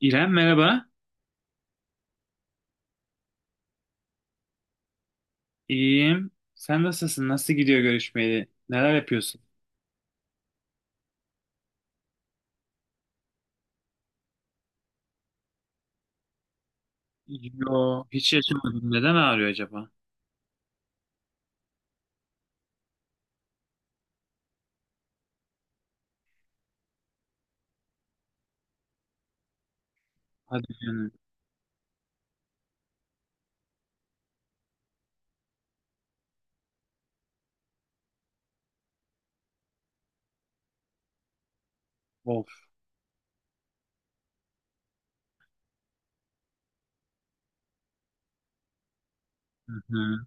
İrem merhaba. İyiyim. Sen nasılsın? Nasıl gidiyor görüşmeli? Neler yapıyorsun? Yo, hiç yaşamadım. Neden ağrıyor acaba? Hadi canım. Of. Hı hı.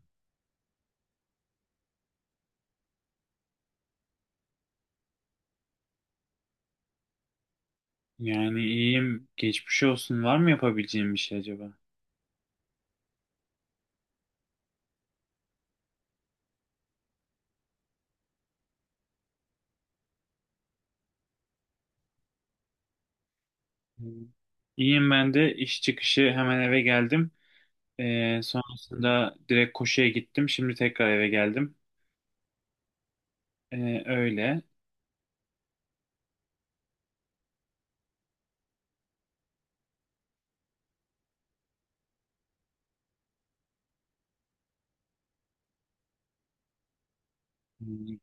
Yani iyiyim. Geçmiş olsun. Var mı yapabileceğim bir şey acaba? Hı. İyiyim ben de. İş çıkışı hemen eve geldim. Sonrasında direkt koşuya gittim. Şimdi tekrar eve geldim. Öyle. Hı.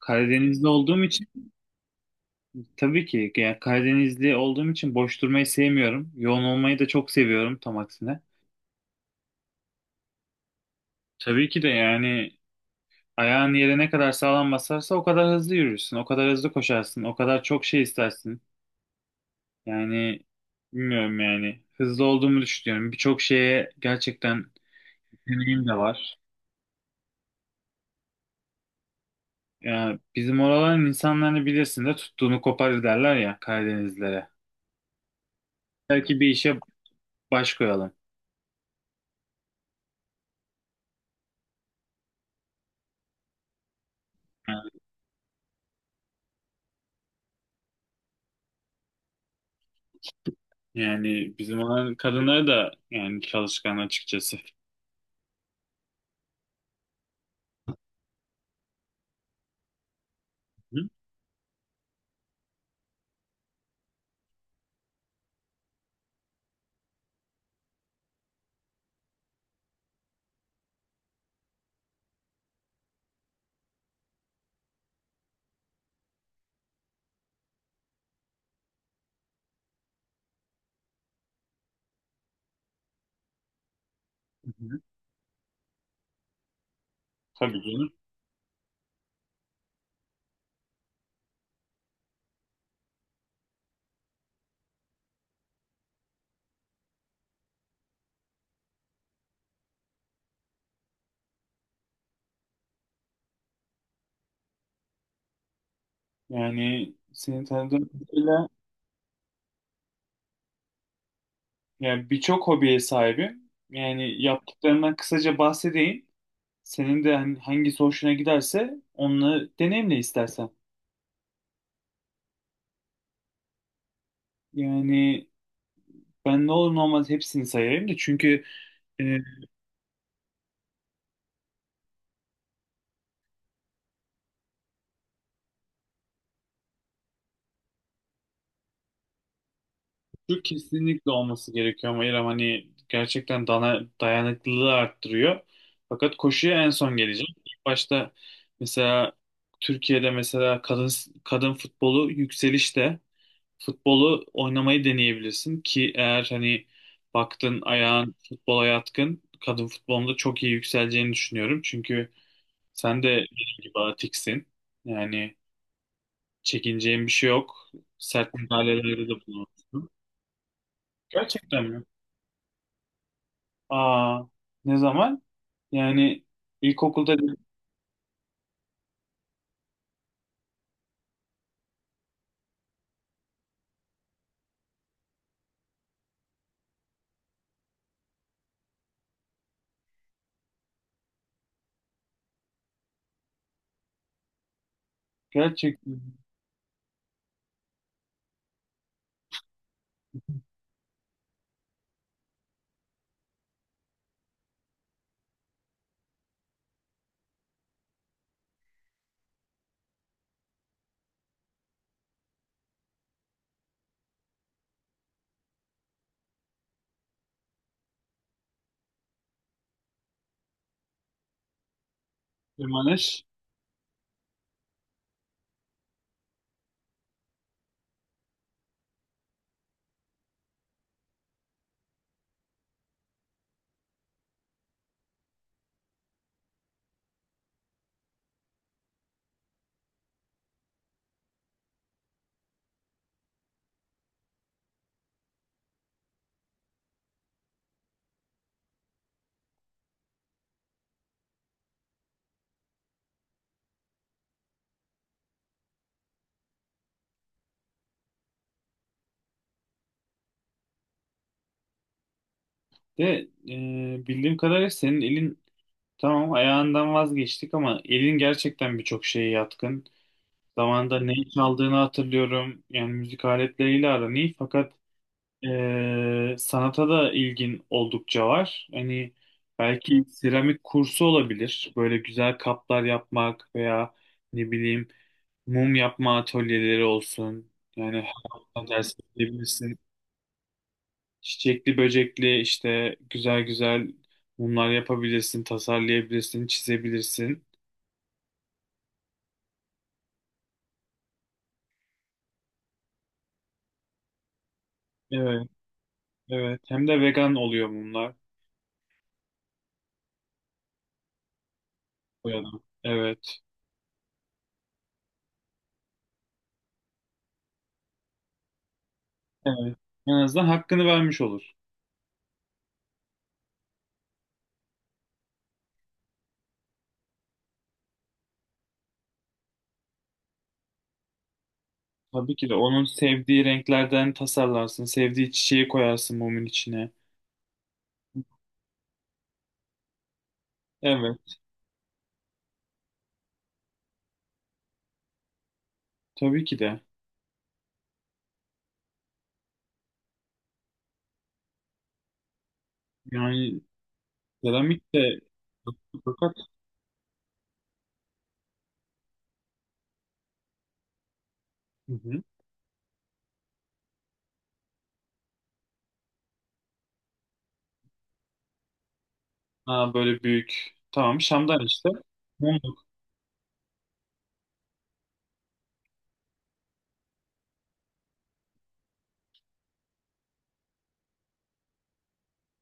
Karadeniz'de olduğum için tabii ki yani Karadenizli olduğum için boş durmayı sevmiyorum. Yoğun olmayı da çok seviyorum, tam aksine. Tabii ki de yani ayağın yere ne kadar sağlam basarsa o kadar hızlı yürürsün, o kadar hızlı koşarsın, o kadar çok şey istersin. Yani bilmiyorum, yani hızlı olduğumu düşünüyorum. Birçok şeye gerçekten deneyim de var. Yani bizim oraların insanlarını bilirsin de, tuttuğunu koparır derler ya Karadenizlilere. Belki bir işe baş koyalım. Yani yani bizim olan kadınları da yani çalışkan açıkçası. Hı? Hı hı. Tabii canım. Yani seni tanıdığım kadarıyla yani birçok hobiye sahibim. Yani yaptıklarından kısaca bahsedeyim. Senin de hani hangisi hoşuna giderse onunla deneyimle istersen. Yani ben ne olur ne olmaz hepsini sayayım da, çünkü e, şu kesinlikle olması gerekiyor ama İrem, hani gerçekten dayanıklılığı arttırıyor. Fakat koşuya en son geleceğim. İlk başta mesela Türkiye'de mesela kadın futbolu yükselişte. Futbolu oynamayı deneyebilirsin ki, eğer hani baktın ayağın futbola yatkın, kadın futbolunda çok iyi yükseleceğini düşünüyorum. Çünkü sen de benim gibi atiksin. Yani çekineceğin bir şey yok. Sert müdahalelerde de bulunursun. Gerçekten mi? Aa, ne zaman? Yani ilkokulda gerçekten Emaneş de bildiğim kadarıyla senin elin, tamam ayağından vazgeçtik ama elin gerçekten birçok şeye yatkın. Zamanında neyi çaldığını hatırlıyorum. Yani müzik aletleriyle aran iyi, fakat sanata da ilgin oldukça var. Hani belki seramik kursu olabilir. Böyle güzel kaplar yapmak veya ne bileyim mum yapma atölyeleri olsun. Yani her hafta ders verebilirsin. Çiçekli böcekli işte güzel güzel mumlar yapabilirsin, tasarlayabilirsin, çizebilirsin. Evet, evet. Hem de vegan oluyor mumlar. Bu yana. Evet. Evet. En azından hakkını vermiş olur. Tabii ki de onun sevdiği renklerden tasarlarsın. Sevdiği çiçeği koyarsın mumun içine. Evet. Tabii ki de. Yani seramik de fakat hı hı. Aa, böyle büyük. Tamam, şamdan işte. Mumluk.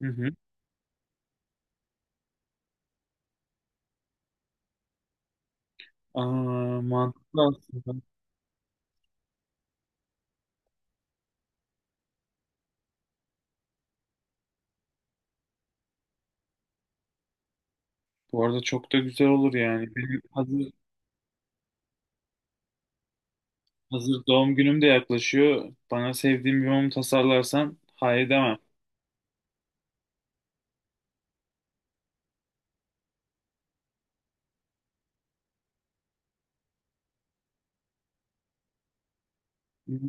Hı hı. Aa, mantıklı aslında. Bu arada çok da güzel olur yani. Hazır doğum günüm de yaklaşıyor. Bana sevdiğim bir mum tasarlarsan hayır demem.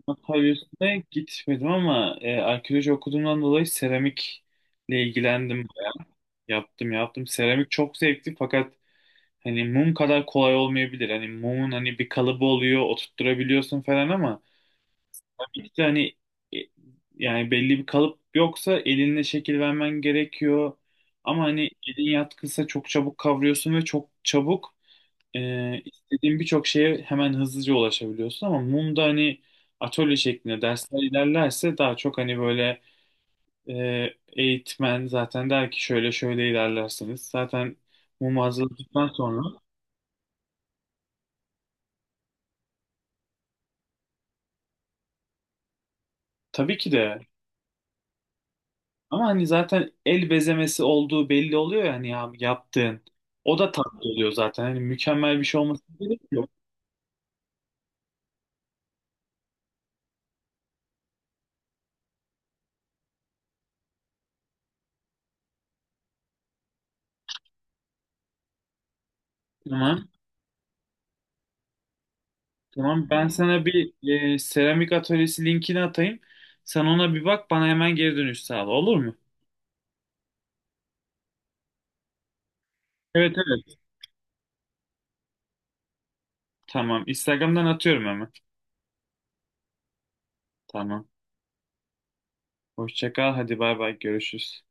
Antalya üstüne gitmedim ama arkeoloji okuduğumdan dolayı seramikle ilgilendim. Yaptım, yaptım. Seramik çok zevkli, fakat hani mum kadar kolay olmayabilir. Hani mumun hani bir kalıbı oluyor, oturtturabiliyorsun falan, ama işte hani, e, yani belli bir kalıp yoksa elinle şekil vermen gerekiyor. Ama hani elin yatkınsa çok çabuk kavruyorsun ve çok çabuk istediğin birçok şeye hemen hızlıca ulaşabiliyorsun, ama mumda hani atölye şeklinde dersler ilerlerse daha çok hani böyle e, eğitmen zaten der ki şöyle şöyle ilerlersiniz. Zaten mum hazırladıktan sonra tabii ki de, ama hani zaten el bezemesi olduğu belli oluyor, yani ya hani yaptığın. O da tatlı oluyor zaten. Hani mükemmel bir şey olması gerek yok. Tamam. Tamam. Ben sana bir seramik atölyesi linkini atayım. Sen ona bir bak, bana hemen geri dönüş sağla, olur mu? Evet, evet. Tamam. Instagram'dan atıyorum hemen. Tamam. Hoşça kal. Hadi bay bay. Görüşürüz.